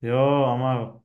Ja, aber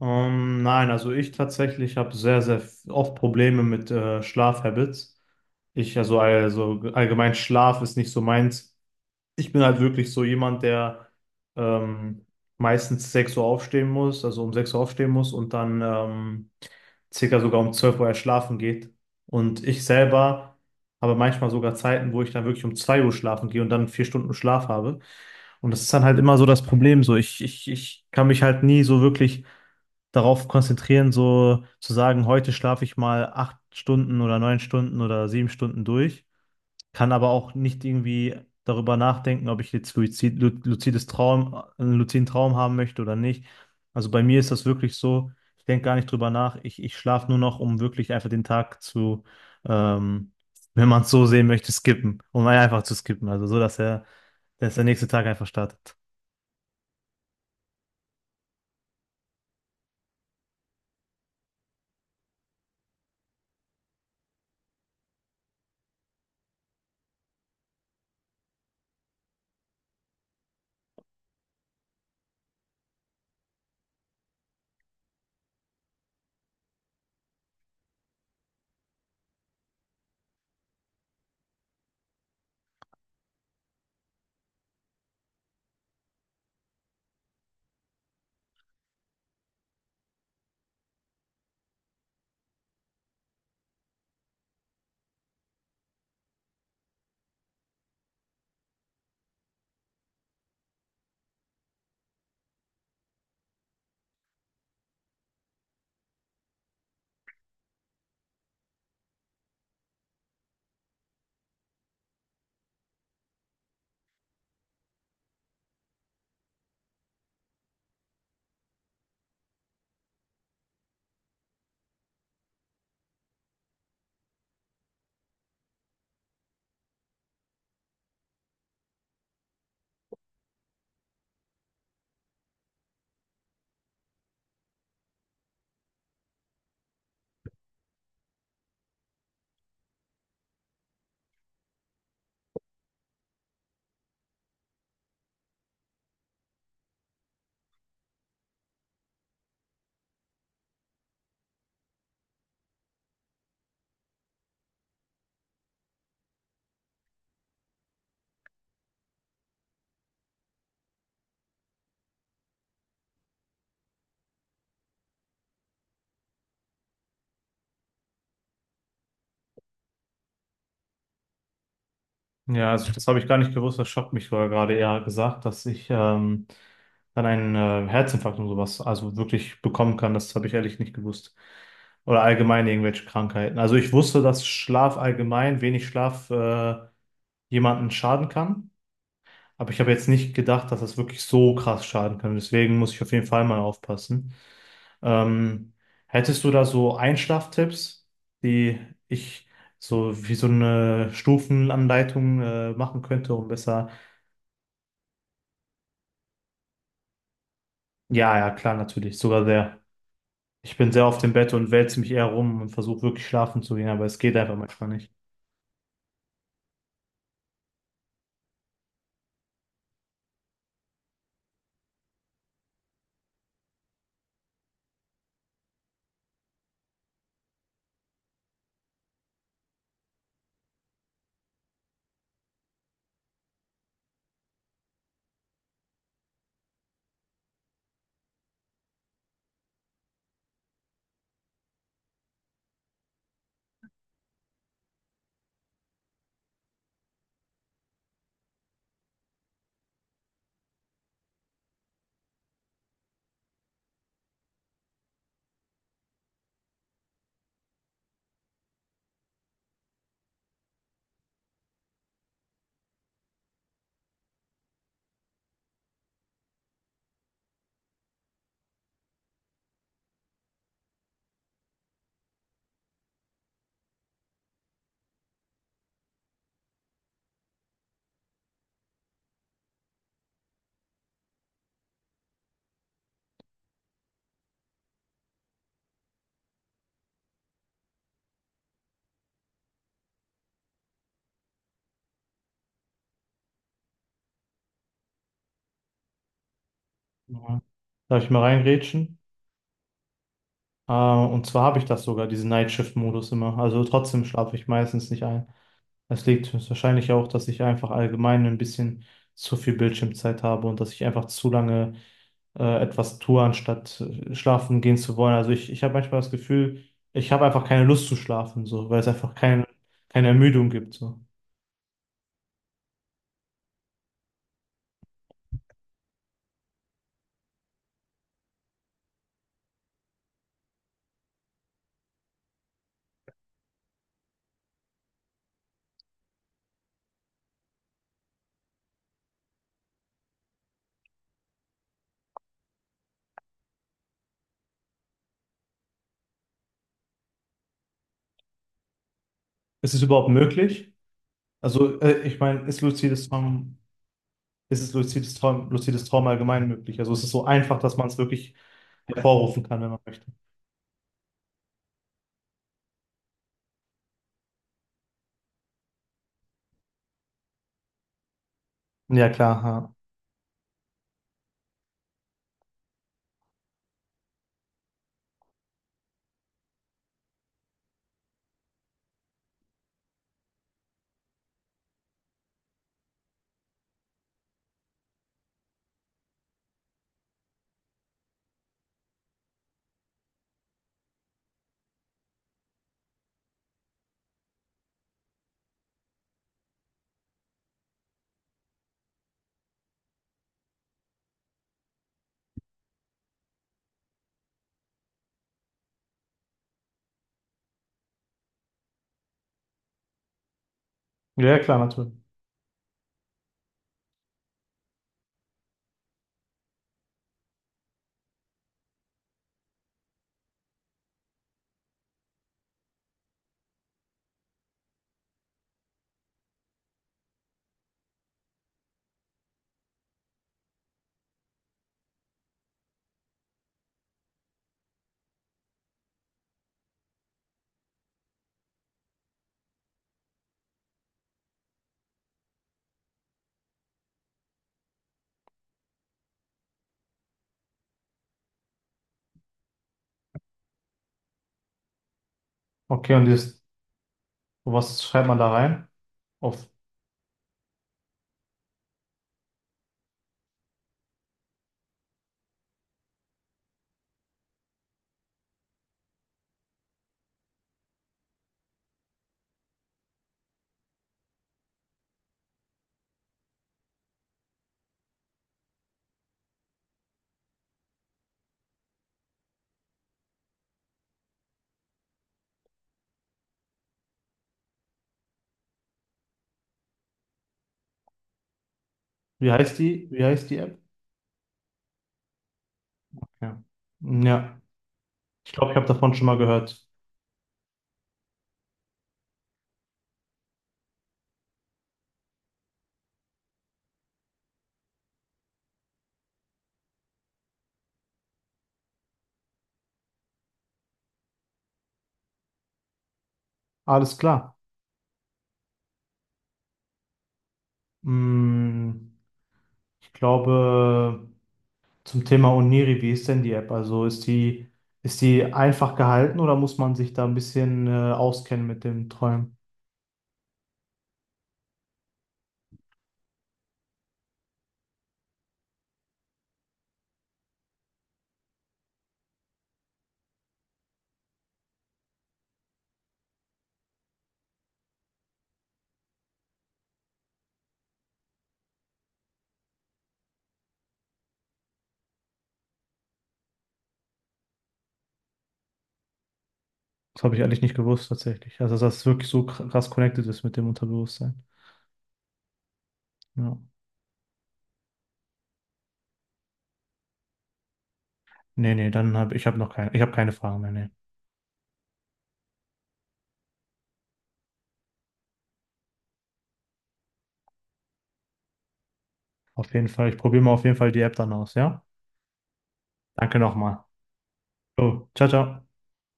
nein, also ich tatsächlich habe sehr, sehr oft Probleme mit Schlafhabits. Also allgemein Schlaf ist nicht so meins. Ich bin halt wirklich so jemand, der ähm, meistens 6 Uhr aufstehen muss, also um 6 Uhr aufstehen muss und dann circa sogar um 12 Uhr erst schlafen geht. Und ich selber habe manchmal sogar Zeiten, wo ich dann wirklich um 2 Uhr schlafen gehe und dann 4 Stunden Schlaf habe. Und das ist dann halt immer so das Problem. So, ich kann mich halt nie so wirklich darauf konzentrieren, so zu sagen, heute schlafe ich mal 8 Stunden oder 9 Stunden oder 7 Stunden durch, kann aber auch nicht irgendwie darüber nachdenken, ob ich jetzt luzid, lu- luzides Traum, einen luziden Traum haben möchte oder nicht. Also bei mir ist das wirklich so, ich denke gar nicht drüber nach. Ich schlafe nur noch, um wirklich einfach den Tag zu, ähm, wenn man es so sehen möchte, skippen, um einfach zu skippen. Also so, dass der nächste Tag einfach startet. Ja, also das habe ich gar nicht gewusst, das schockt mich sogar gerade eher gesagt, dass ich dann einen Herzinfarkt und sowas also wirklich bekommen kann. Das habe ich ehrlich nicht gewusst. Oder allgemein irgendwelche Krankheiten. Also ich wusste, dass Schlaf allgemein, wenig Schlaf jemanden schaden kann. Aber ich habe jetzt nicht gedacht, dass das wirklich so krass schaden kann. Deswegen muss ich auf jeden Fall mal aufpassen. Ähm, hättest du da so Einschlaftipps, die ich so wie so eine Stufenanleitung machen könnte, um besser. Ja, ja, klar, natürlich. Sogar sehr. Ich bin sehr auf dem Bett und wälze mich eher rum und versuche wirklich schlafen zu gehen, aber es geht einfach manchmal nicht. Ja. Darf ich mal reingrätschen? Und zwar habe ich das sogar, diesen Nightshift-Modus immer. Also trotzdem schlafe ich meistens nicht ein. Es liegt wahrscheinlich auch, dass ich einfach allgemein ein bisschen zu viel Bildschirmzeit habe und dass ich einfach zu lange etwas tue, anstatt schlafen gehen zu wollen. Also ich habe manchmal das Gefühl, ich habe einfach keine Lust zu schlafen, so, weil es einfach keine Ermüdung gibt. So. Ist es überhaupt möglich? Also ich meine, ist luzides Traum, ist es luzides Traum allgemein möglich? Also ist es so einfach, dass man es wirklich hervorrufen kann, wenn man möchte? Ja, klar. Ja, ja, klar, natürlich. Okay, und dieses, was schreibt man da rein? Auf Wie heißt die App? Ja. Ja, ich glaube, ich habe davon schon mal gehört. Alles klar. Mm, ich glaube, zum Thema Oniri, wie ist denn die App? Also ist die einfach gehalten oder muss man sich da ein bisschen auskennen mit dem Träumen? Das habe ich ehrlich nicht gewusst tatsächlich. Also, dass es wirklich so krass connected ist mit dem Unterbewusstsein. Ja. Nee, nee, dann habe ich habe noch keine, ich habe keine Fragen mehr. Nee. Auf jeden Fall, ich probiere mal auf jeden Fall die App dann aus, ja? Danke nochmal. So, ciao, ciao.